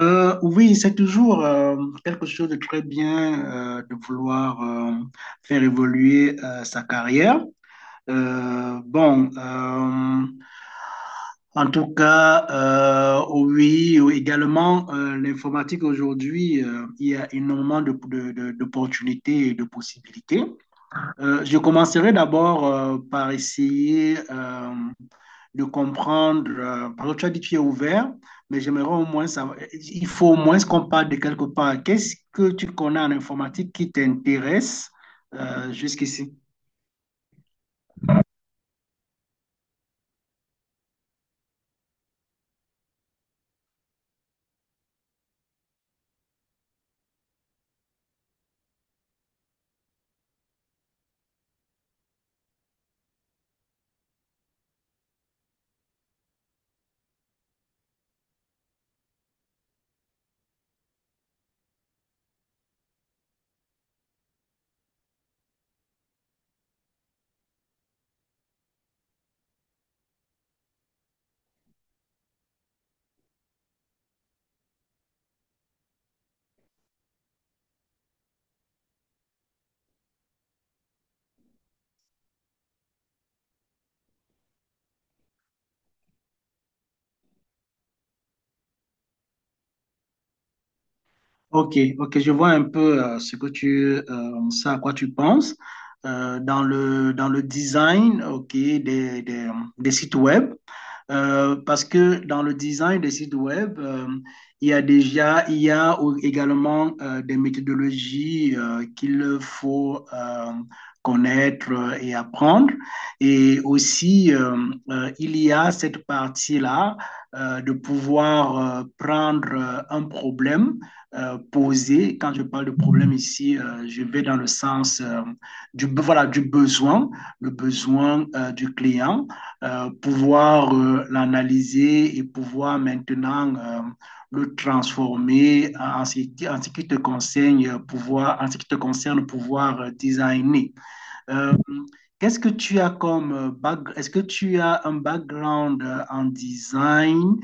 Oui, c'est toujours quelque chose de très bien de vouloir faire évoluer sa carrière. Euh, bon, euh, En tout cas, oui, oui, oh, également, l'informatique aujourd'hui, il y a énormément d'opportunités et de possibilités. Je commencerai d'abord par essayer de comprendre, parce que tu as dit que tu es ouvert, mais j'aimerais au moins savoir, il faut au moins qu'on parle de quelque part. Qu'est-ce que tu connais en informatique qui t'intéresse jusqu'ici? Ok, ok, je vois un peu ce que ça à quoi tu penses. Dans le design, ok, des sites web. Parce que dans le design des sites web, il y a déjà, il y a également des méthodologies qu'il faut connaître et apprendre. Et aussi, il y a cette partie-là de pouvoir prendre un problème posé. Quand je parle de problème ici, je vais dans le sens du, voilà, du besoin, le besoin du client pouvoir l'analyser et pouvoir maintenant le transformer en en ce qui te concerne, pouvoir, en ce qui te concerne, pouvoir designer. Euh, Qu'est-ce que tu as comme background? Est-ce que tu as un background en design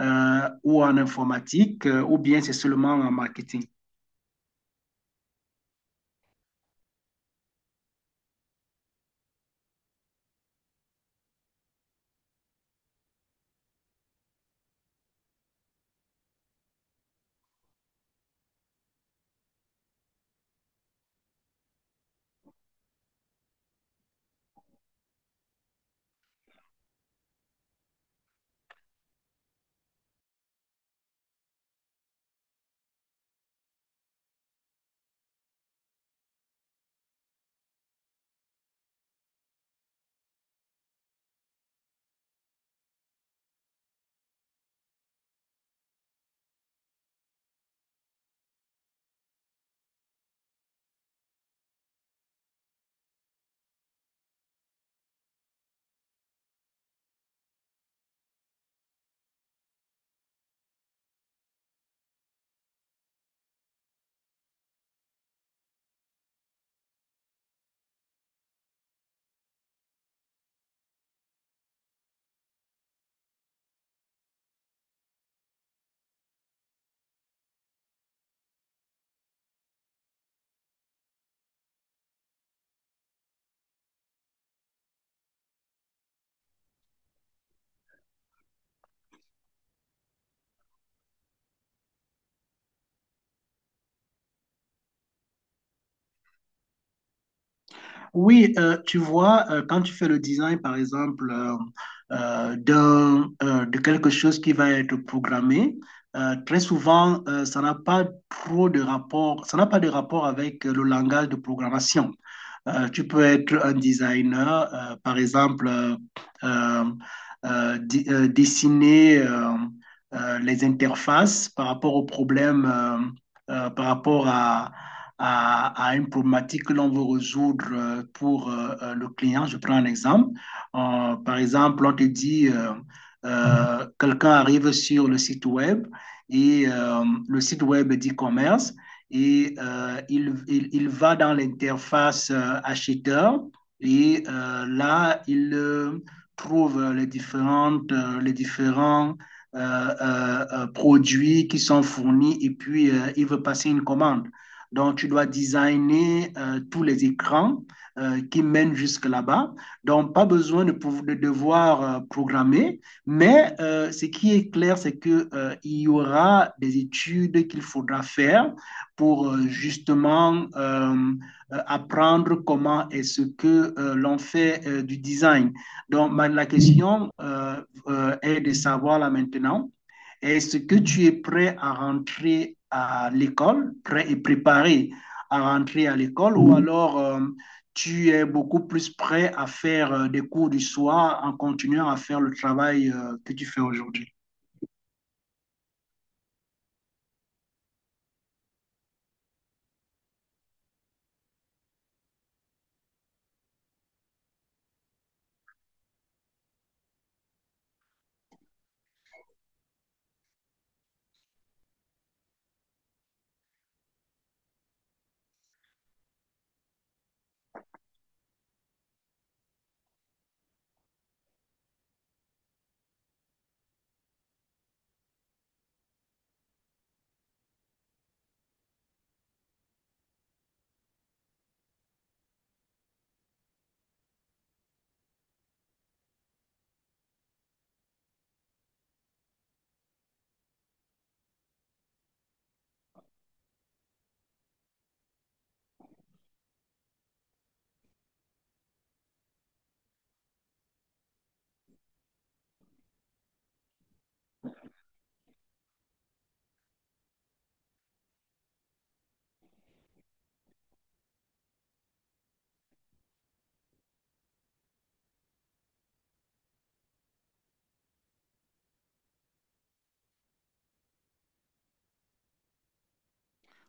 ou en informatique ou bien c'est seulement en marketing? Oui, tu vois, quand tu fais le design, par exemple, d'un, de quelque chose qui va être programmé, très souvent, ça n'a pas trop de rapport, ça n'a pas de rapport avec le langage de programmation. Tu peux être un designer, par exemple, dessiner les interfaces par rapport aux problèmes, par rapport à une problématique que l'on veut résoudre pour le client. Je prends un exemple. Par exemple, on te dit, quelqu'un arrive sur le site web et le site web d'e-commerce et il va dans l'interface acheteur et là, il trouve les différents produits qui sont fournis et puis il veut passer une commande. Donc, tu dois designer tous les écrans qui mènent jusque là-bas. Donc, pas besoin de devoir programmer, mais ce qui est clair, c'est qu'il il y aura des études qu'il faudra faire pour justement apprendre comment est-ce que l'on fait du design. Donc, la question est de savoir là maintenant, est-ce que tu es prêt à rentrer à l'école, prêt et préparé à rentrer à l'école, ou alors tu es beaucoup plus prêt à faire des cours du soir en continuant à faire le travail que tu fais aujourd'hui?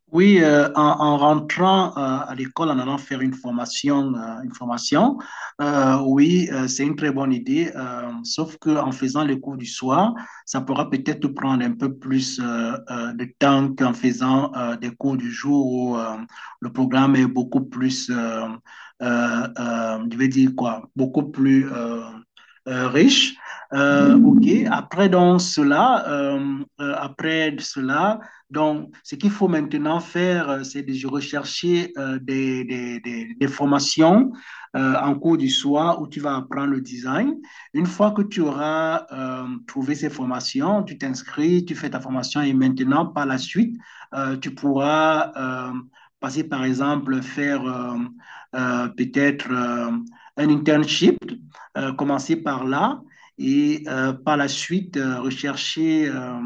Oui, en, en rentrant à l'école, en allant faire une formation, oui, c'est une très bonne idée. Sauf que en faisant les cours du soir, ça pourra peut-être te prendre un peu plus de temps qu'en faisant des cours du jour où le programme est beaucoup plus, je vais dire quoi, beaucoup plus riche. Ok. Après donc cela, après cela. Donc, ce qu'il faut maintenant faire, c'est de rechercher des formations en cours du soir où tu vas apprendre le design. Une fois que tu auras trouvé ces formations, tu t'inscris, tu fais ta formation et maintenant, par la suite, tu pourras passer, par exemple, faire peut-être un internship, commencer par là et par la suite rechercher.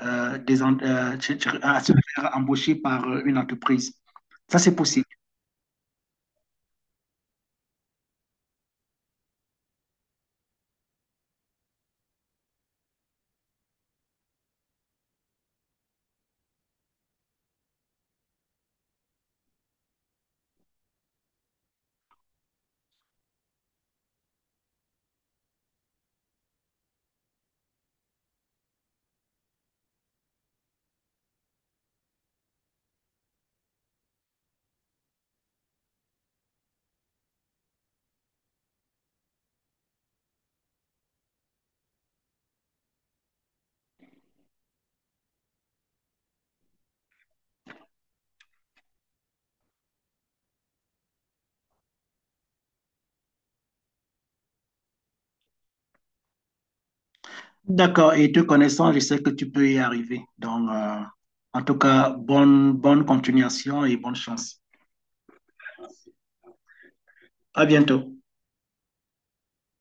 Des, en- tu- tu- À se faire embaucher par une entreprise. Ça, c'est possible. D'accord, et te connaissant, je sais que tu peux y arriver. Donc, en tout cas, bonne, bonne continuation et bonne chance. À bientôt.